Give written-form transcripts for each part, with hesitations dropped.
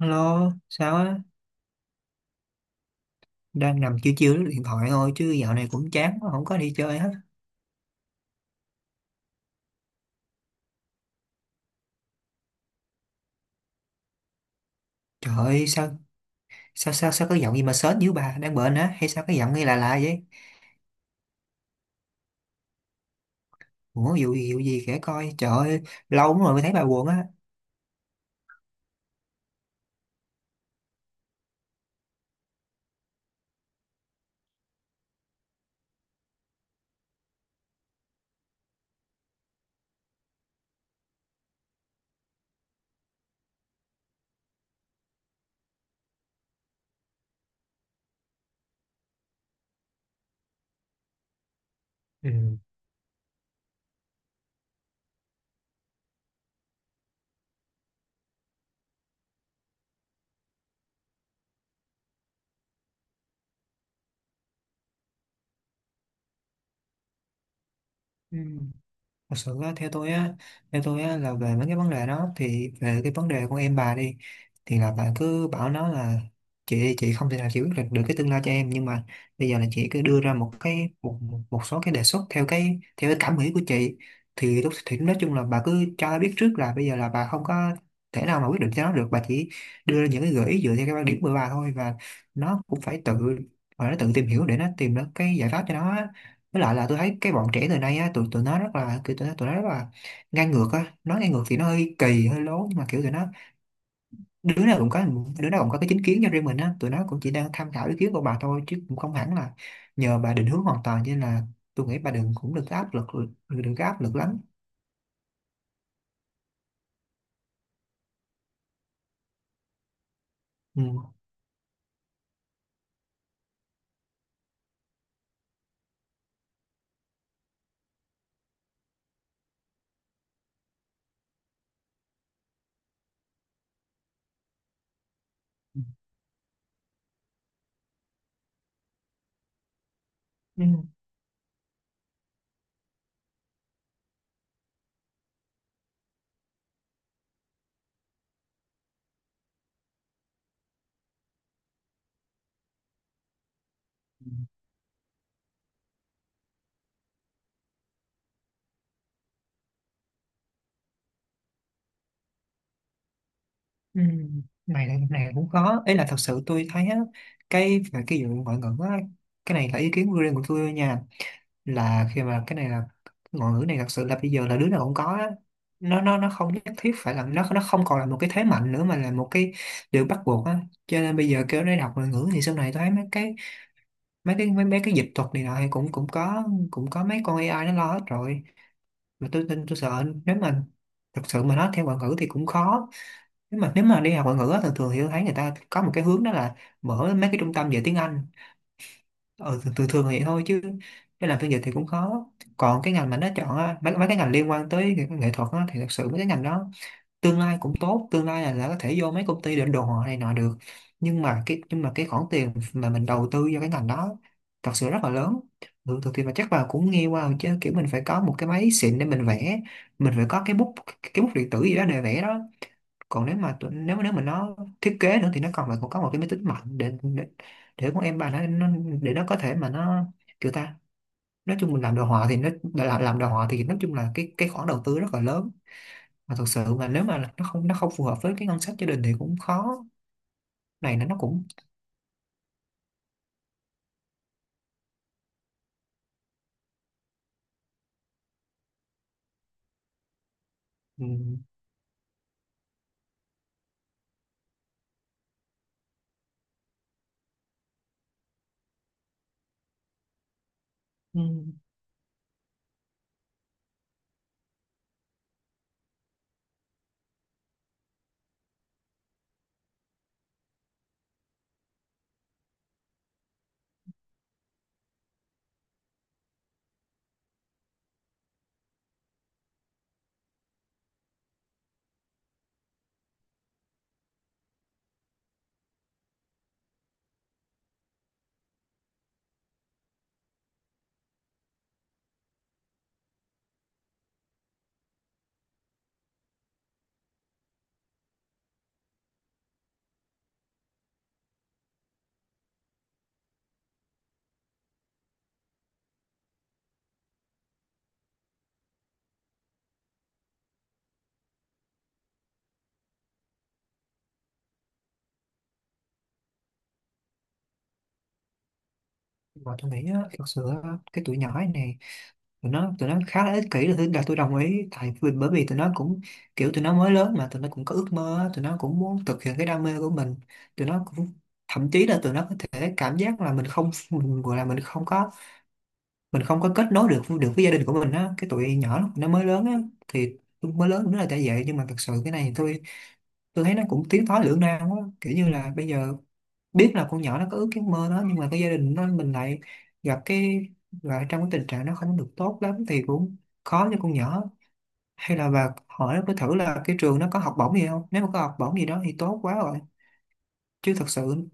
Hello, sao á? Đang nằm chiêu chiêu lướt điện thoại thôi chứ dạo này cũng chán quá, không có đi chơi hết. Trời ơi, sao sao sao sao có giọng gì mà sến dữ bà, đang bệnh á hay sao cái giọng nghe là lạ lạ vậy? Ủa vụ gì kể coi. Trời ơi, lâu lắm rồi mới thấy bà buồn á. Ừ. Ừ. Thật sự á, theo tôi á là về mấy cái vấn đề đó, thì về cái vấn đề của em bà đi, thì là bà cứ bảo nó là chị không thể nào chị quyết định được cái tương lai cho em, nhưng mà bây giờ là chị cứ đưa ra một cái một, một một số cái đề xuất theo cái cảm nghĩ của chị, thì lúc thì nói chung là bà cứ cho nó biết trước là bây giờ là bà không có thể nào mà quyết định cho nó được, bà chỉ đưa ra những cái gợi ý dựa theo cái quan điểm của bà thôi. Và nó cũng phải tự và nó tự tìm hiểu để nó tìm được cái giải pháp cho nó á. Với lại là tôi thấy cái bọn trẻ thời nay á, tụi tụi nó rất là kiểu, tụi nó rất là ngang ngược á. Nói ngang ngược thì nó hơi kỳ hơi lố, nhưng mà kiểu tụi nó đứa nào cũng có, đứa nào cũng có cái chính kiến cho riêng mình á. Tụi nó cũng chỉ đang tham khảo ý kiến của bà thôi, chứ cũng không hẳn là nhờ bà định hướng hoàn toàn, cho nên là tôi nghĩ bà đừng có áp lực, đừng có áp lực lắm. Ừ. Ừ. Ừ. Này cũng khó ấy, là thật sự tôi thấy á, cái về cái vụ ngoại ngữ á, cái này là ý kiến riêng của tôi nha, là khi mà cái này là ngôn ngữ này, thật sự là bây giờ là đứa nào cũng có á. Nó không nhất thiết phải là, nó không còn là một cái thế mạnh nữa mà là một cái điều bắt buộc á. Cho nên bây giờ kêu nó đọc ngoại ngữ, thì sau này tôi thấy mấy cái dịch thuật này nọ thì cũng, cũng có, cũng có mấy con AI nó lo hết rồi. Mà tôi sợ nếu mà thật sự mà nói theo ngoại ngữ thì cũng khó. Nếu mà đi học ngoại ngữ á, thường thường thì tôi thấy người ta có một cái hướng đó là mở mấy cái trung tâm về tiếng Anh. Ừ, thường thường thì thôi chứ cái làm phiên dịch thì cũng khó. Còn cái ngành mà nó chọn á, mấy cái ngành liên quan tới nghệ thuật á, thì thật sự mấy cái ngành đó tương lai cũng tốt. Tương lai là có thể vô mấy công ty định đồ họa này nọ được. Nhưng mà cái khoản tiền mà mình đầu tư cho cái ngành đó thật sự rất là lớn. Ừ, thực thì mà chắc bà cũng nghe qua rồi chứ, kiểu mình phải có một cái máy xịn để mình vẽ, mình phải có cái bút, cái bút điện tử gì đó để vẽ đó. Còn nếu mà tụi, nếu nếu mà nó thiết kế nữa thì nó còn là cũng có một cái máy tính mạnh để để con em bà nó nó có thể mà nó kiểu ta nói chung mình làm đồ họa thì nó, làm đồ họa thì nói chung là cái khoản đầu tư rất là lớn. Mà thật sự mà nếu mà nó không phù hợp với cái ngân sách gia đình thì cũng khó. Này là nó cũng ừ, ừ. Mà tôi nghĩ á, thật sự á, cái tuổi nhỏ này tụi nó khá là ích kỷ, là tôi đồng ý, tại vì bởi vì tụi nó cũng kiểu tụi nó mới lớn, mà tụi nó cũng có ước mơ á, tụi nó cũng muốn thực hiện cái đam mê của mình. Tụi nó cũng thậm chí là tụi nó có thể cảm giác là mình không mình gọi là mình không có, mình không có kết nối được được với gia đình của mình á, cái tụi nhỏ lúc nó mới lớn á. Thì mới lớn nó là tại vậy. Nhưng mà thật sự cái này thì tôi thấy nó cũng tiến thoái lưỡng nan quá, kiểu như là bây giờ biết là con nhỏ nó có ước cái mơ đó, nhưng mà cái gia đình nó mình lại gặp cái lại trong cái tình trạng nó không được tốt lắm thì cũng khó cho con nhỏ. Hay là bà hỏi với thử là cái trường nó có học bổng gì không, nếu mà có học bổng gì đó thì tốt quá rồi. Chứ thật sự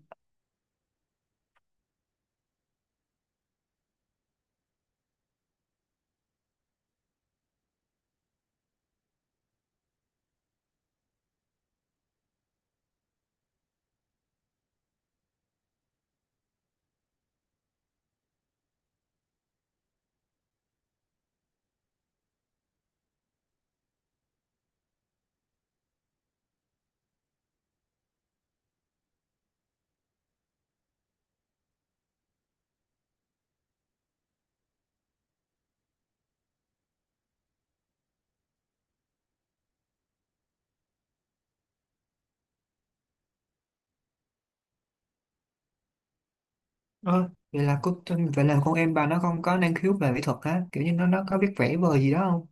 ơ vậy là cô, vậy là con em bà nó không có năng khiếu về mỹ thuật á, kiểu như nó có biết vẽ vời gì đó không?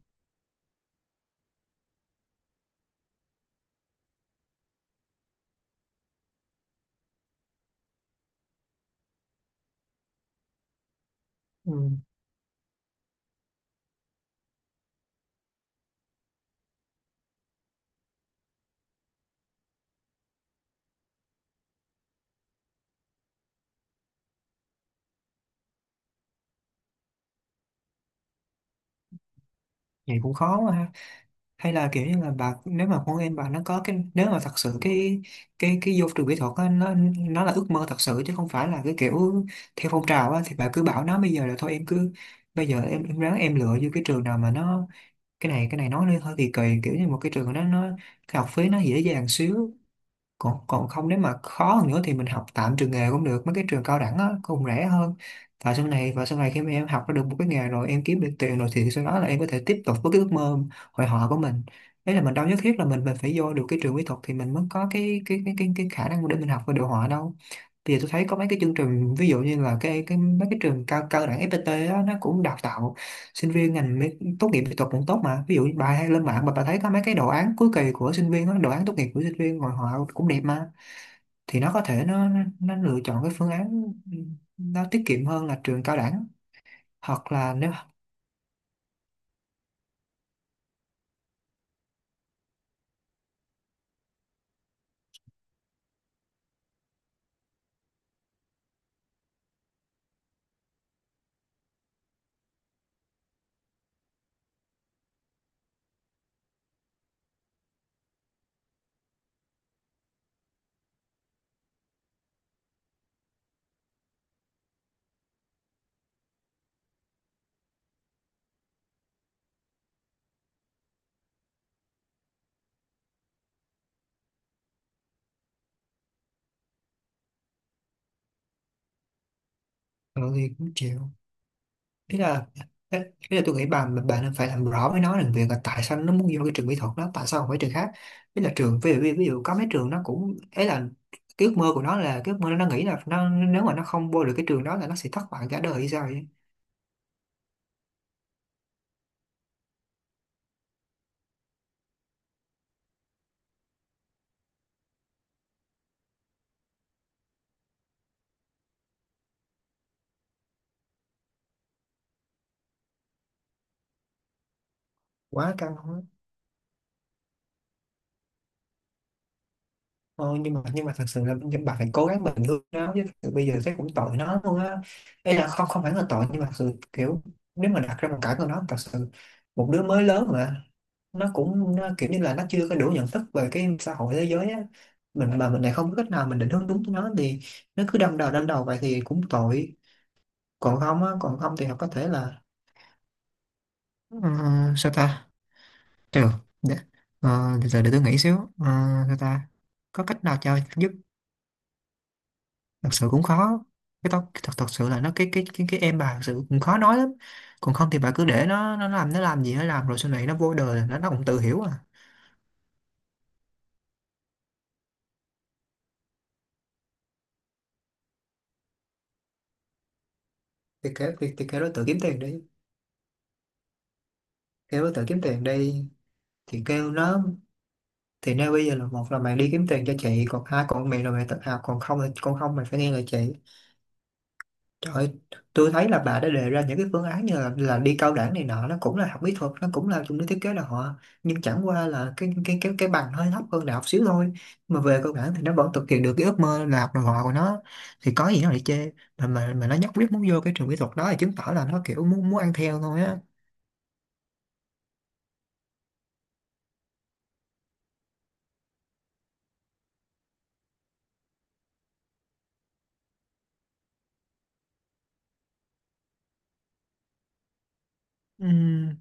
Ừ. Vậy cũng khó quá ha. Hay là kiểu như là bà, nếu mà con em bà nó có cái, nếu mà thật sự cái cái vô trường kỹ thuật á, nó là ước mơ thật sự chứ không phải là cái kiểu theo phong trào á, thì bà cứ bảo nó bây giờ là thôi em cứ, bây giờ em ráng em lựa vô cái trường nào mà nó, cái này nói lên hơi kỳ kỳ, kiểu như một cái trường nó cái học phí nó dễ dàng xíu. Còn, còn không nếu mà khó hơn nữa thì mình học tạm trường nghề cũng được, mấy cái trường cao đẳng á cũng rẻ hơn. Và sau này khi mà em học ra được một cái nghề rồi, em kiếm được tiền rồi, thì sau đó là em có thể tiếp tục với cái ước mơ hội họa của mình. Đấy là mình đâu nhất thiết là mình phải vô được cái trường mỹ thuật thì mình mới có cái khả năng để mình học về đồ họa đâu. Thì tôi thấy có mấy cái chương trình, ví dụ như là cái mấy cái trường cao cao đẳng FPT á, nó cũng đào tạo sinh viên tốt nghiệp mỹ thuật cũng tốt mà. Ví dụ như bà hay lên mạng mà bà thấy có mấy cái đồ án cuối kỳ của sinh viên á, đồ án tốt nghiệp của sinh viên rồi, họ cũng đẹp mà. Thì nó có thể nó lựa chọn cái phương án nó tiết kiệm hơn là trường cao đẳng. Hoặc là nếu ừ, thì cũng chịu. Ý là ý là tôi nghĩ bà bạn nên phải làm rõ với nó rằng việc là tại sao nó muốn vô cái trường mỹ thuật đó, tại sao không phải trường khác. Ý là trường ví dụ, ví dụ có mấy trường nó cũng ấy, là cái ước mơ của nó là cái ước mơ nó nghĩ là nó, nếu mà nó không vô được cái trường đó là nó sẽ thất bại cả đời hay sao vậy? Quá căng. Thôi nhưng mà thật sự là nhưng bà phải cố gắng, mình thương nó chứ, thật sự bây giờ thấy cũng tội nó luôn á. Đây là không, không phải là tội, nhưng mà thật sự kiểu nếu mà đặt ra hoàn cảnh của nó, thật sự một đứa mới lớn mà, nó cũng nó kiểu như là nó chưa có đủ nhận thức về cái xã hội thế giới á, mình mà mình lại không có cách nào mình định hướng đúng cho nó thì nó cứ đâm đầu vậy thì cũng tội. Còn không á, còn không thì họ có thể là ờ, sao ta, được, để, ờ, giờ để tôi nghĩ xíu. Ờ, sao ta, có cách nào cho giúp. Thật sự cũng khó. Cái tóc thật thật sự là nó cái em bà thật sự cũng khó nói lắm. Còn không thì bà cứ để nó, nó làm gì nó làm, rồi sau này nó vô đời là nó cũng tự hiểu à. Thì kêu nó tự kiếm tiền đi. Kêu nó tự kiếm tiền đi. Thì kêu nó thì nếu bây giờ là, một là mày đi kiếm tiền cho chị, còn hai còn mày là mày tự học, còn không là, còn không mày phải nghe lời chị. Trời ơi, tôi thấy là bà đã đề ra những cái phương án như là đi cao đẳng này nọ, nó cũng là học mỹ thuật, nó cũng là dùng để thiết kế đồ họa, nhưng chẳng qua là cái bằng hơi thấp hơn đại học xíu thôi. Mà về cao đẳng thì nó vẫn thực hiện được cái ước mơ là học đồ họa của nó, thì có gì nó lại chê. Mà nó nhất quyết muốn vô cái trường mỹ thuật đó thì chứng tỏ là nó kiểu muốn muốn ăn theo thôi á. Ừm,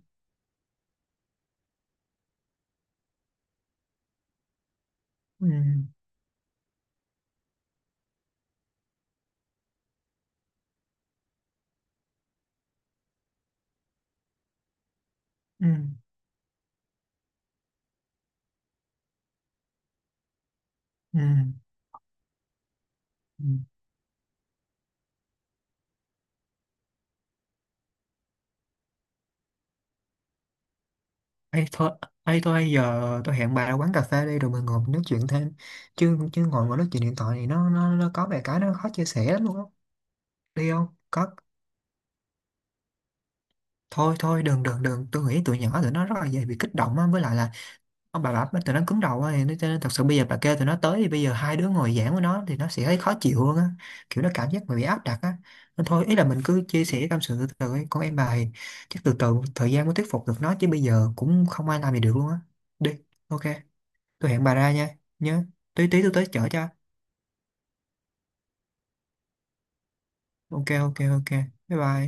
ừm, ừm, ừm, ừm. Ê, thôi, ấy thôi giờ tôi hẹn bà ra quán cà phê đi rồi mình ngồi mình nói chuyện thêm. Chứ chứ ngồi ngồi nói chuyện điện thoại này nó có vài cái nó khó chia sẻ lắm luôn á. Đi không có. Thôi thôi đừng đừng đừng, tôi nghĩ tụi nhỏ tụi nó rất là dễ bị kích động á, với lại là ông bà tụi nó cứng đầu á thì nó- cho nên thật sự bây giờ bà kêu tụi nó tới thì bây giờ hai đứa ngồi giảng với nó thì nó sẽ thấy khó chịu hơn á, kiểu nó cảm giác mà bị áp đặt á. Nên thôi ý là mình cứ chia sẻ tâm sự từ từ ấy. Con em bà thì chắc từ từ thời gian mới thuyết phục được nó, chứ bây giờ cũng không ai làm gì được luôn á. Đi, ok, tôi hẹn bà ra nha. Nhớ, tí tí tôi tới chở cho. Ok ok ok, bye bye.